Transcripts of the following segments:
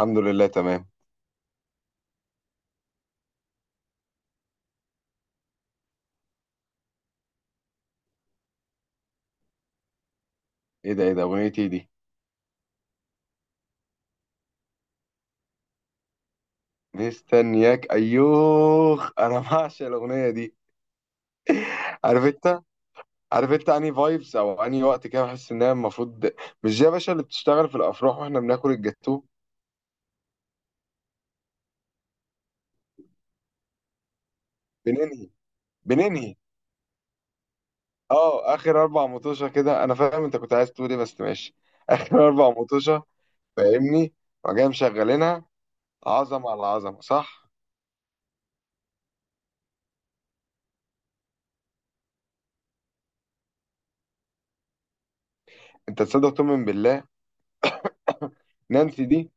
الحمد لله تمام. ايه ده اغنيتي دي؟ مستنياك، ايوه انا بعشق الاغنيه دي. عارف انت عارف انت اني فايبس او اني وقت كده بحس انها المفروض، مش زي يا باشا اللي بتشتغل في الافراح واحنا بناكل الجاتوه. بننهي. بننهي. اه، اخر اربع مطوشه كده، انا فاهم انت كنت عايز تقول ايه، بس ماشي. اخر اربع مطوشه، فاهمني، وجاي مشغلينها، عظمه على عظمه، صح؟ انت تصدق تؤمن بالله، نانسي دي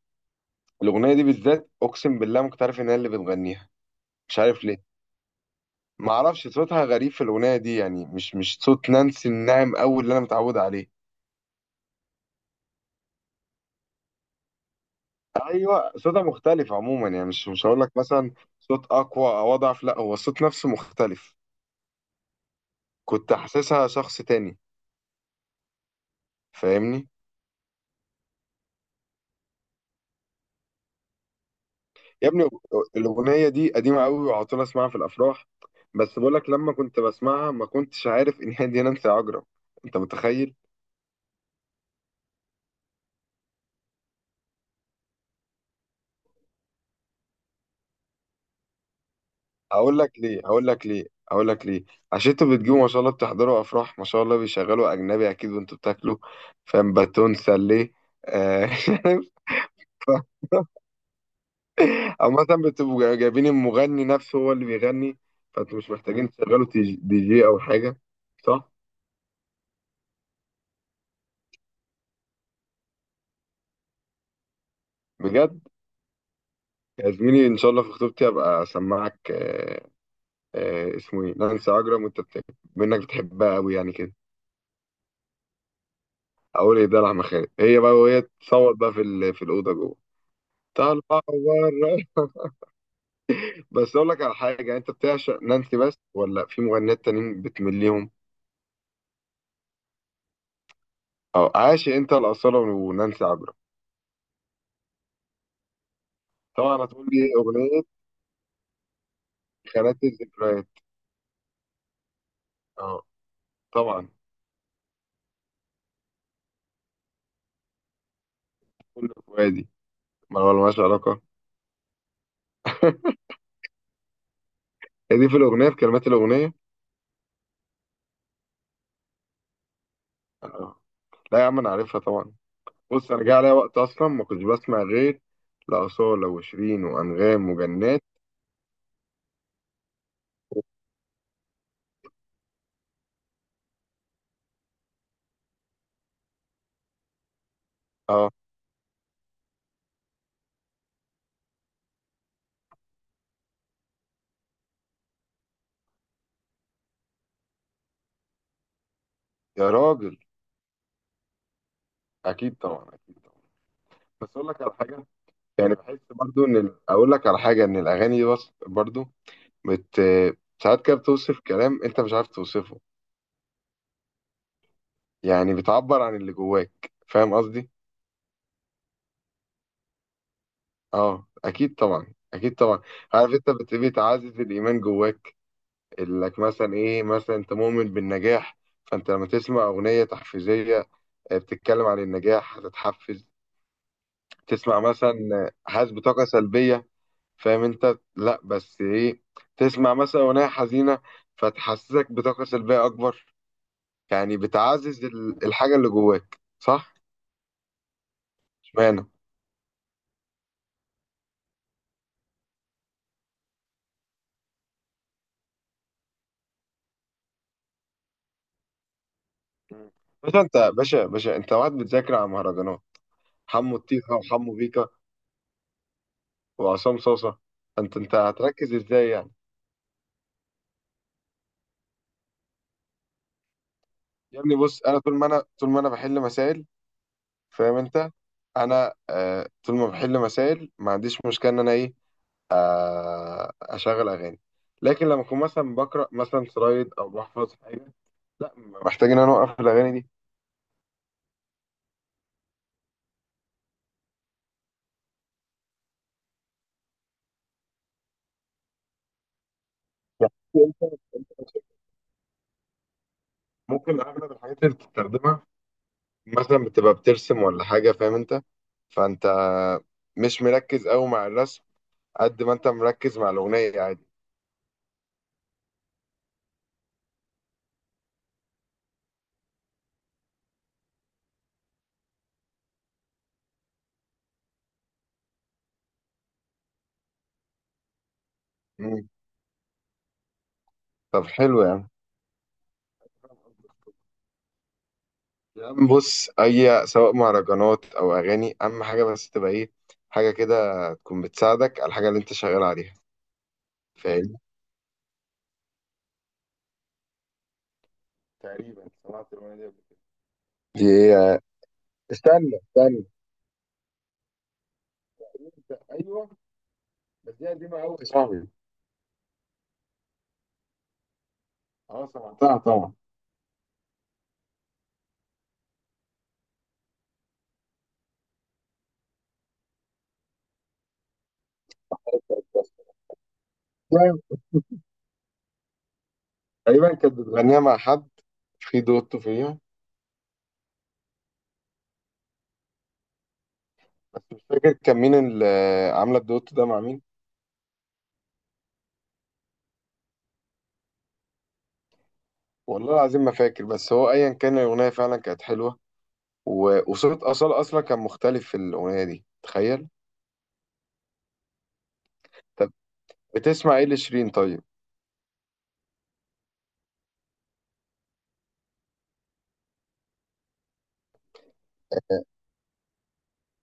الاغنيه دي بالذات اقسم بالله ما كنت عارف ان هي اللي بتغنيها. مش عارف ليه، ما اعرفش، صوتها غريب في الاغنيه دي، يعني مش صوت نانسي الناعم قوي اللي انا متعود عليه. ايوه صوتها مختلف عموما، يعني مش هقول لك مثلا صوت اقوى او اضعف، لا، هو الصوت نفسه مختلف، كنت حاسسها شخص تاني، فاهمني. يا ابني الاغنيه دي قديمه قوي وعلى طول اسمعها في الافراح، بس بقول لك لما كنت بسمعها ما كنتش عارف ان هي دي نانسي عجرم، انت متخيل؟ هقول لك ليه، هقول لك ليه، هقول لك ليه، عشان انتوا بتجيبوا ما شاء الله، بتحضروا افراح ما شاء الله بيشغلوا اجنبي اكيد وانتوا بتاكلوا، فاهم؟ باتون سليه. آه، عارف؟ او مثلا بتبقوا جايبين المغني نفسه هو اللي بيغني، فانتوا مش محتاجين تشغلوا دي جي او حاجه، صح؟ بجد. يا زميلي ان شاء الله في خطوبتي ابقى اسمعك. اسمه ايه؟ نانسي عجرم، وانت منك بتحبها قوي يعني كده. اقول ايه؟ ده لحمه خالد، هي بقى وهي تصوت بقى في في الاوضه جوه، طالعه بره. بس اقول لك على حاجه، انت بتعشق نانسي بس ولا في مغنيات تانيين بتمليهم؟ او عاشق انت الاصاله ونانسي عجرم؟ طبعا هتقول لي اغنيه خانات الذكريات، اه طبعا، كل فؤادي، ما هو مالهاش علاقه، هي دي في الاغنيه، في كلمات الاغنيه، اه. لا يا عم انا عارفها طبعا. بص انا جه عليا وقت اصلا ما كنتش بسمع غير لاصاله وشيرين وانغام وجنات، اه. يا راجل، اكيد طبعا، اكيد طبعا. بس اقول لك على حاجه، يعني بحس برضو ان اقول لك على حاجه، ان الاغاني دي بس برضو بت ساعات كده بتوصف كلام انت مش عارف توصفه، يعني بتعبر عن اللي جواك، فاهم قصدي؟ اه اكيد طبعا، اكيد طبعا. عارف انت بتعزز الايمان جواك، انك مثلا ايه، مثلا انت مؤمن بالنجاح، فانت لما تسمع اغنيه تحفيزيه بتتكلم عن النجاح هتتحفز. تسمع مثلا حاسس بطاقه سلبيه، فاهم انت؟ لا بس ايه، تسمع مثلا اغنيه حزينه فتحسسك بطاقه سلبيه اكبر، يعني بتعزز الحاجه اللي جواك، صح؟ اشمعنى؟ مم. باشا انت باشا انت وقت بتذاكر على مهرجانات حمو الطيخه وحمو بيكا وعصام صاصه، انت هتركز ازاي يعني؟ يا ابني بص انا طول ما انا بحل مسائل، فاهم انت؟ انا آه طول ما بحل مسائل ما عنديش مشكله ان انا ايه، آه اشغل اغاني، لكن لما اكون مثلا بقرا مثلا سلايد او بحفظ حاجه، لا، محتاج ان انا اوقف الاغاني دي. يعني انت ممكن اغلب الحاجات اللي بتستخدمها مثلا بتبقى بترسم ولا حاجة، فاهم انت؟ فانت مش مركز قوي مع الرسم قد ما انت مركز مع الأغنية، عادي. مم. طب حلو يعني. يا عم بص، أي سواء مهرجانات أو أغاني، أهم حاجة بس تبقى إيه، حاجة كده تكون بتساعدك على الحاجة اللي أنت شغال عليها، فاهم؟ تقريبا سمعت الأغنية دي قبل كده، دي إيه؟ استنى استنى، أيوه، بس دي قديمة أوي يا صاحبي. أه سمعتها طبعا. تقريبا كانت بتغنيها مع حد، في دوتو فيها، بس مش فاكر كان مين اللي عامله الدوت ده مع مين. والله العظيم ما فاكر، بس هو ايا كان الاغنيه فعلا كانت حلوه و- وصوت اصلا كان مختلف في الاغنيه دي، تخيل. طب، بتسمع ايه لشيرين طيب؟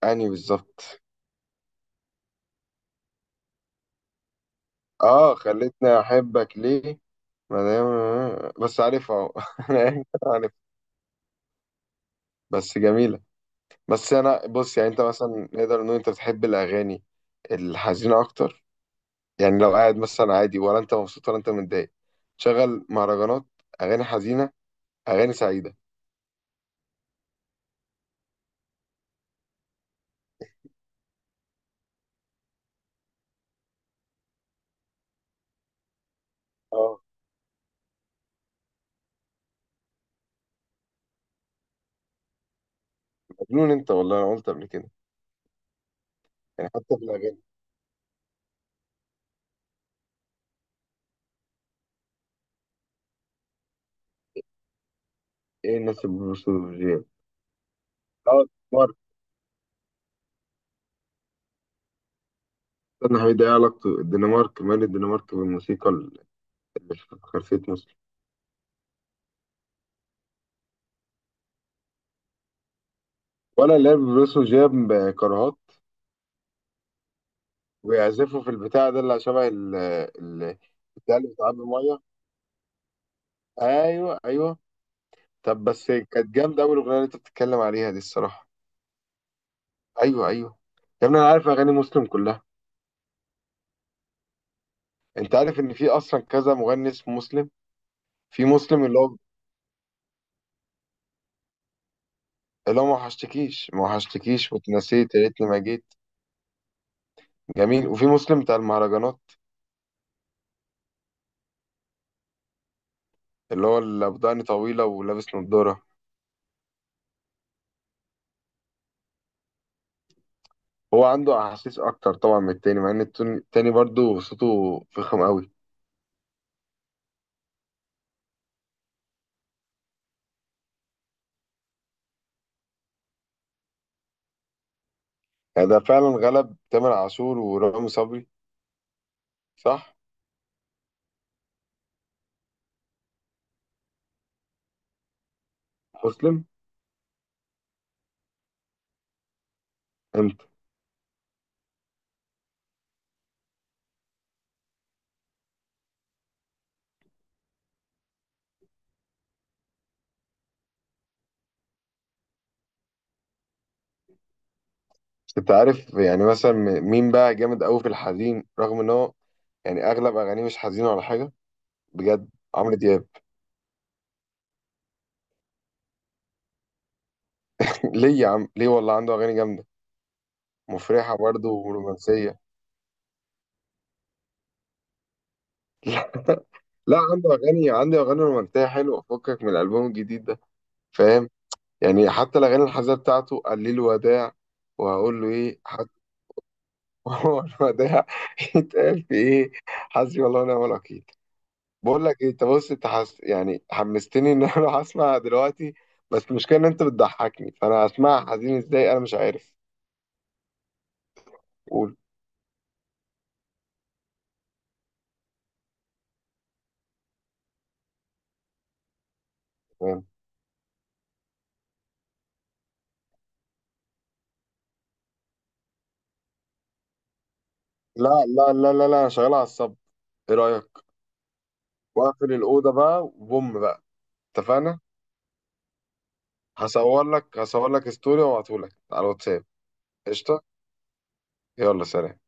اني بالظبط؟ اه خلتني احبك ليه، ما دام بس عارفها أهو. انا آسف، عارف، بس جميله. بس انا بص يعني انت مثلا نقدر نقول انت بتحب الاغاني الحزينه اكتر، يعني لو قاعد مثلا عادي ولا انت مبسوط ولا انت متضايق، شغل مهرجانات، اغاني حزينه، اغاني سعيده. اه مجنون انت والله، انا قلت قبل كده، يعني حتى في الاغاني. ايه الناس البروسوفيجيه؟ اه الدنمارك. استنى حبيبي، ايه علاقته الدنمارك، مال الدنمارك بالموسيقى اللي في خلفيه مصر؟ ولا اللي هي البروسوفيجيه بكرهات ويعزفوا في البتاع ده اللي شبه البتاع اللي بيتعبي ميه، ايوه ايوه. طب بس كانت جامده اول اغنيه اللي انت بتتكلم عليها دي، الصراحه، ايوه ايوه. يا ابني انا عارف اغاني مسلم كلها. انت عارف ان في اصلا كذا مغني اسمه مسلم؟ في مسلم اللي هو، لا ما وحشتكيش ما وحشتكيش واتنسيت يا ريتني ما جيت، جميل، وفي مسلم بتاع المهرجانات اللي هو اللي بدقني طويلة ولابس نضارة. هو عنده أحاسيس أكتر طبعا من التاني، مع إن التاني برضه صوته فخم أوي، يعني ده فعلا غلب تامر عاشور ورامي صبري. صح. مسلم. أنت أنت عارف يعني مثلا مين بقى جامد أوي في الحزين، رغم إن هو يعني أغلب أغانيه مش حزينة ولا حاجة؟ بجد. عمرو دياب. ليه يا عم، ليه، والله عنده أغاني جامدة، مفرحة برضه ورومانسية. لا عنده اغاني رومانسيه حلوه فكك من الالبوم الجديد ده، فاهم؟ يعني حتى الاغاني الحزينه بتاعته، قال لي الوداع، وهقول له ايه، حسبي. هو الوداع يتقال في ايه؟ حسبي الله ونعم الوكيل. بقول لك ايه، انت بص، انت يعني حمستني ان انا اروح اسمع دلوقتي، بس المشكله ان انت بتضحكني فانا هسمعها حزين ازاي انا مش عارف. قول. تمام. لا لا لا لا لا، انا شغال على الصب، ايه رايك؟ واقفل الاوضه بقى وبوم بقى. اتفقنا. هصور لك ستوري وابعته لك على الواتساب. قشطة. يلا سلام.